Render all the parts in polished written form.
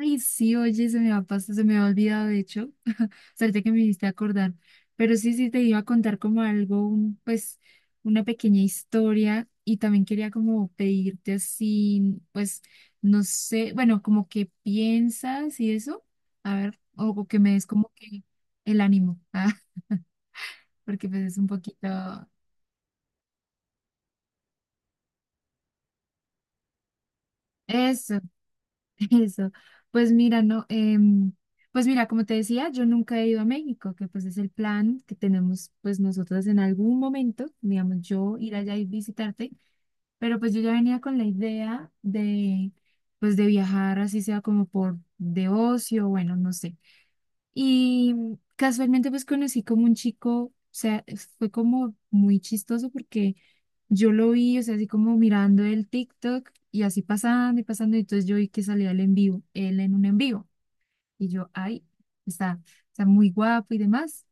Ay, sí, oye, se me va a pasar se me ha olvidado, de hecho, o sea, ahorita que me hiciste acordar, pero sí, sí, te iba a contar como algo, pues, una pequeña historia y también quería como pedirte así, pues, no sé, bueno, como que piensas y eso, a ver, o que me des como que el ánimo, ah, porque pues es un poquito, eso, eso, pues mira, no, pues mira, como te decía, yo nunca he ido a México, que pues es el plan que tenemos pues nosotros en algún momento, digamos, yo ir allá y visitarte, pero pues yo ya venía con la idea de pues de viajar así sea como por de ocio, bueno, no sé. Y casualmente pues conocí como un chico, o sea, fue como muy chistoso porque yo lo vi, o sea, así como mirando el TikTok y así pasando y pasando, y entonces yo vi que salía el en vivo, él en un en vivo, y yo, ay, está, está muy guapo y demás.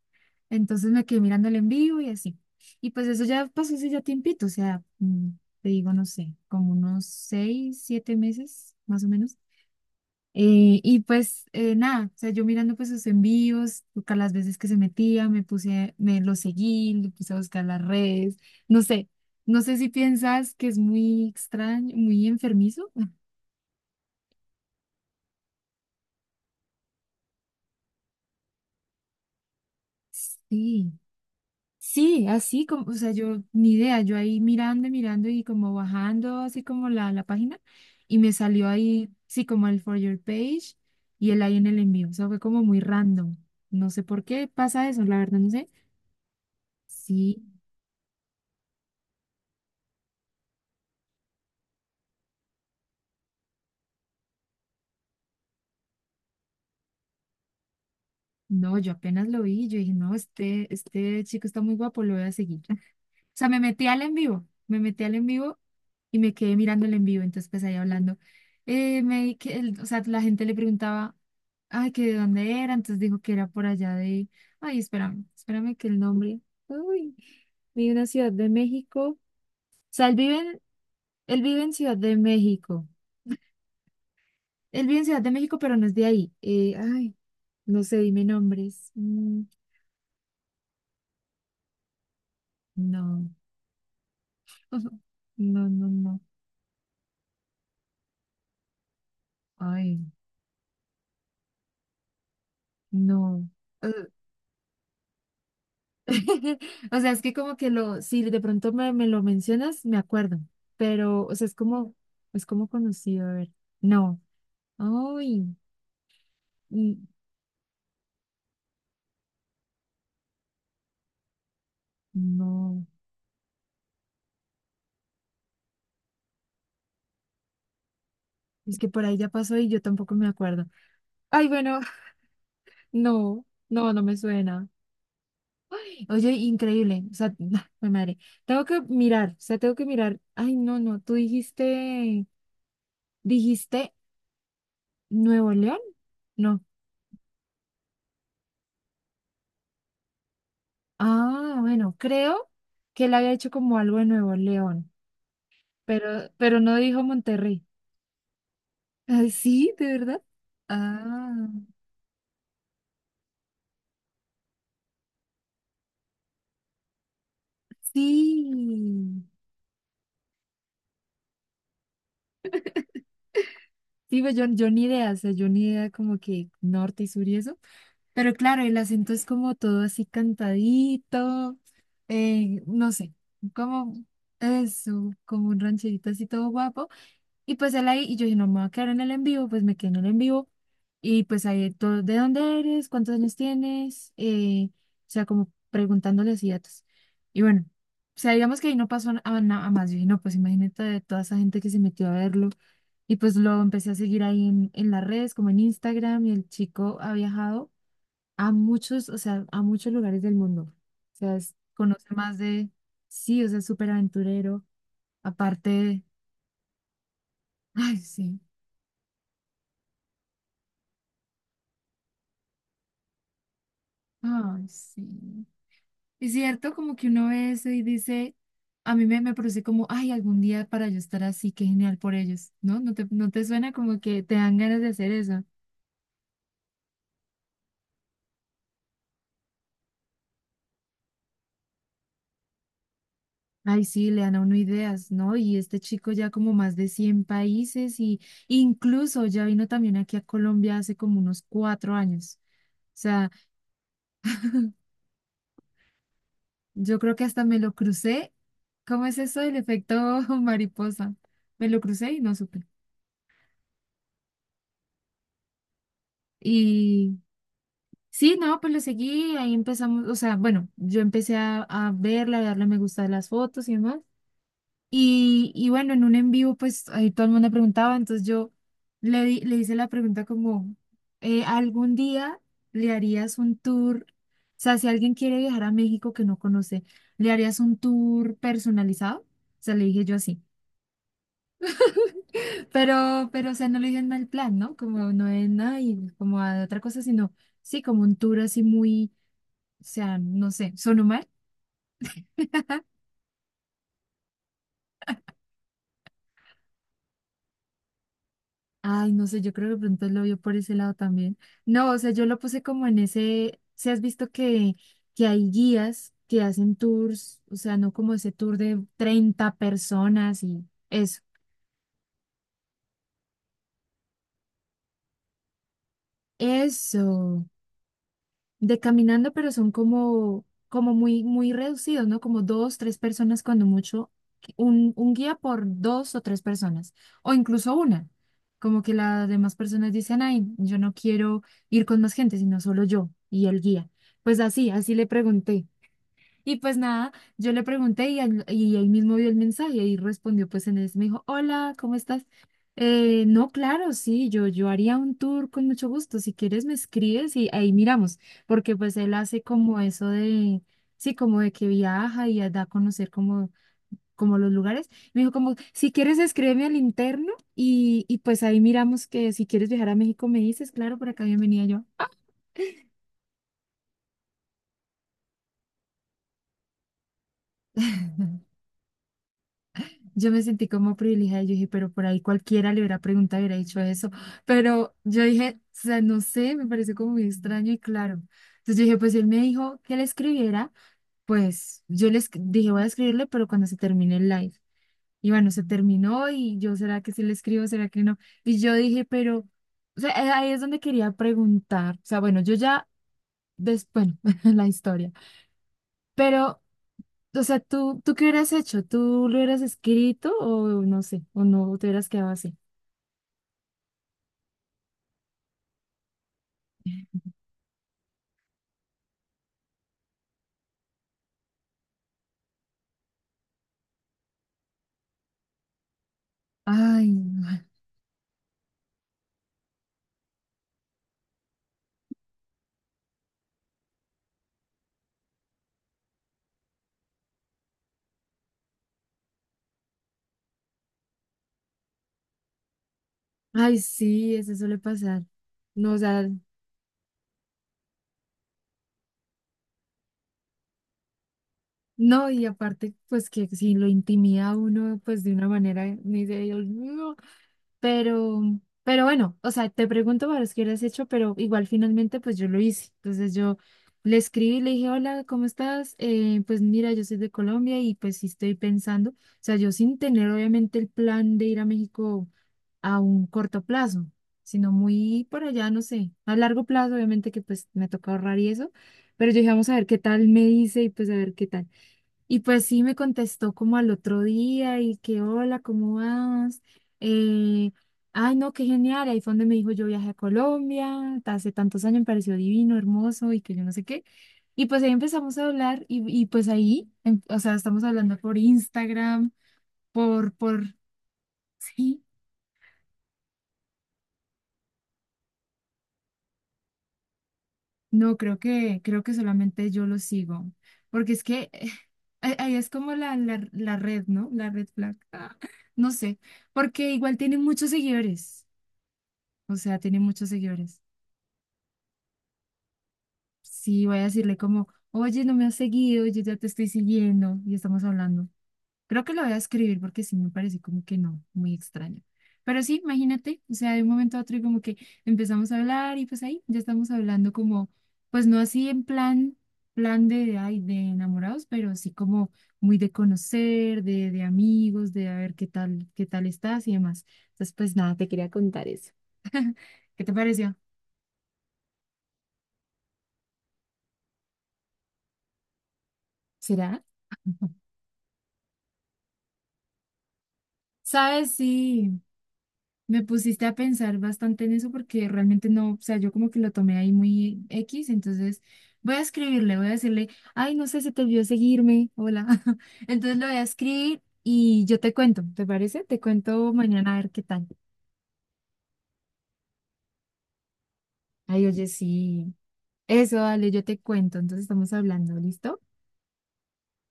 Entonces me quedé mirando el en vivo y así. Y pues eso ya pasó hace ya tiempito, o sea, te digo, no sé, como unos 6, 7 meses, más o menos. Y pues nada, o sea, yo mirando pues sus envíos, buscar las veces que se metía, me puse, me lo seguí, le puse a buscar las redes, no sé, no sé, si piensas que es muy extraño, muy enfermizo. Sí, sí, así como, o sea, yo ni idea, yo ahí mirando, y mirando y como bajando así como la página y me salió ahí, sí, como el For Your Page y él ahí en el envío, o sea, fue como muy random, no sé por qué pasa eso, la verdad no sé. Sí. No, yo apenas lo vi, yo dije, no, este chico está muy guapo, lo voy a seguir. O sea, me metí al en vivo, me metí al en vivo y me quedé mirando el en vivo, entonces pues ahí hablando. Me, di que o sea, la gente le preguntaba, ay, que de dónde era, entonces dijo que era por allá de, ay, espérame, espérame que el nombre, uy, vive en una ciudad de México, o sea, él vive en Ciudad de México, él vive en Ciudad de México, pero no es de ahí, ay, no sé, dime nombres. Mm, no. Ujú. No, no, no. Ay, no. Ugh. O sea, es que como que si de pronto me lo mencionas, me acuerdo. Pero, o sea, es como conocido, a ver. No. Ay, y- no. Es que por ahí ya pasó y yo tampoco me acuerdo. Ay, bueno, no, no, no me suena. Ay, oye, increíble. O sea, me madre. Tengo que mirar, o sea, tengo que mirar. Ay, no, no. Tú dijiste Nuevo León. No. Ah, bueno, creo que él había hecho como algo de Nuevo León, pero no dijo Monterrey. Ay, sí, ¿de verdad? Ah, sí. Sí, pues yo ni idea, o sea, yo ni idea como que norte y sur y eso. Pero claro, el acento es como todo así cantadito, no sé, como eso, como un rancherito así todo guapo. Y pues él ahí, y yo dije, no me voy a quedar en el en vivo, pues me quedé en el en vivo. Y pues ahí todo, ¿de dónde eres? ¿Cuántos años tienes? O sea, como preguntándole así datos. Y bueno, o sea, digamos que ahí no pasó a más. Yo dije, no, pues imagínate de toda esa gente que se metió a verlo. Y pues lo empecé a seguir ahí en las redes, como en Instagram, y el chico ha viajado a muchos, o sea, a muchos lugares del mundo. O sea, conoce más de, sí, o sea, es súper aventurero. Aparte, ay, sí. Ay, sí. Es cierto, como que uno ve eso y dice, a mí me produce como, ay, algún día para yo estar así, qué genial por ellos, ¿no? ¿No te suena como que te dan ganas de hacer eso? Ay, sí, le dan a uno ideas, ¿no? Y este chico ya como más de 100 países y incluso ya vino también aquí a Colombia hace como unos 4 años. O sea, yo creo que hasta me lo crucé. ¿Cómo es eso del efecto mariposa? Me lo crucé y no supe. y Sí, no, pues lo seguí, ahí empezamos, o sea, bueno, yo empecé a verla, a darle me gusta a las fotos y demás. Y bueno, en un en vivo, pues ahí todo el mundo preguntaba, entonces yo le hice la pregunta como, ¿algún día le harías un tour? O sea, si alguien quiere viajar a México que no conoce, ¿le harías un tour personalizado? O sea, le dije yo así. Pero, o sea, no lo dije en mal plan, ¿no? Como no es nada y como a otra cosa, sino sí, como un tour así muy. O sea, no sé, ¿sonó mal? Ay, no sé, yo creo que de pronto lo vio por ese lado también. No, o sea, yo lo puse como en ese, si has visto que hay guías que hacen tours, o sea, no como ese tour de 30 personas y eso. Eso. De caminando, pero son como muy, muy reducidos, ¿no? Como dos, tres personas cuando mucho, un guía por dos o tres personas, o incluso una. Como que las demás personas dicen, ay, yo no quiero ir con más gente, sino solo yo y el guía. Pues así, así le pregunté. Y pues nada, yo le pregunté y él mismo vio el mensaje y respondió pues en eso. Me dijo, hola, ¿cómo estás? No, claro, sí, yo haría un tour con mucho gusto. Si quieres me escribes y ahí miramos, porque pues él hace como eso de, sí, como de que viaja y da a conocer como los lugares. Me dijo como, si quieres escríbeme al interno y pues ahí miramos que si quieres viajar a México me dices, claro, por acá bienvenida yo. Yo me sentí como privilegiada, y yo dije, pero por ahí cualquiera le hubiera preguntado, hubiera dicho eso, pero yo dije, o sea, no sé, me pareció como muy extraño y claro. Entonces yo dije, pues él me dijo que le escribiera, pues yo le dije, voy a escribirle, pero cuando se termine el live. Y bueno, se terminó y yo, ¿será que sí le escribo, será que no? Y yo dije, pero, o sea, ahí es donde quería preguntar, o sea, bueno, yo ya, bueno, la historia. Pero o sea, ¿Tú qué hubieras hecho? ¿Tú lo hubieras escrito o no sé, o no, o te hubieras quedado así? Ay, no. Ay, sí, eso suele pasar. No, o sea, no, y aparte, pues que si lo intimida a uno, pues de una manera, ni de Dios mío. Pero, pero bueno, o sea, te pregunto para los que lo has hecho, pero igual finalmente pues yo lo hice. Entonces yo le escribí, le dije, hola, ¿cómo estás? Pues mira, yo soy de Colombia y pues sí estoy pensando, o sea, yo sin tener obviamente el plan de ir a México a un corto plazo, sino muy por allá, no sé, a largo plazo, obviamente que pues me toca ahorrar y eso, pero yo dije, vamos a ver qué tal me dice y pues a ver qué tal. Y pues sí me contestó como al otro día y que hola, ¿cómo vas? Eh, ay, no, qué genial. Ahí fue donde me dijo yo viajé a Colombia, hace tantos años me pareció divino, hermoso y que yo no sé qué. Y pues ahí empezamos a hablar y pues ahí, o sea, estamos hablando por Instagram, por, por, sí, no, creo que solamente yo lo sigo, porque es que ahí es como la red, ¿no? La red flag, no sé, porque igual tiene muchos seguidores. O sea, tiene muchos seguidores. Sí, voy a decirle como, oye, no me has seguido, yo ya te estoy siguiendo y estamos hablando. Creo que lo voy a escribir porque sí me parece como que no, muy extraño. Pero sí, imagínate, o sea, de un momento a otro y como que empezamos a hablar y pues ahí ya estamos hablando como, pues no así en plan de, ay, de enamorados, pero sí como muy de conocer, de amigos, de a ver qué tal, estás y demás. Entonces, pues nada, te quería contar eso. ¿Qué te pareció? ¿Será? ¿Sabes? Sí, me pusiste a pensar bastante en eso porque realmente no, o sea, yo como que lo tomé ahí muy X, entonces voy a escribirle, voy a decirle, ay, no sé, se te olvidó seguirme, hola. Entonces lo voy a escribir y yo te cuento, ¿te parece? Te cuento mañana a ver qué tal. Ay, oye, sí, eso, dale, yo te cuento, entonces estamos hablando, ¿listo?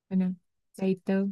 Bueno, chaito.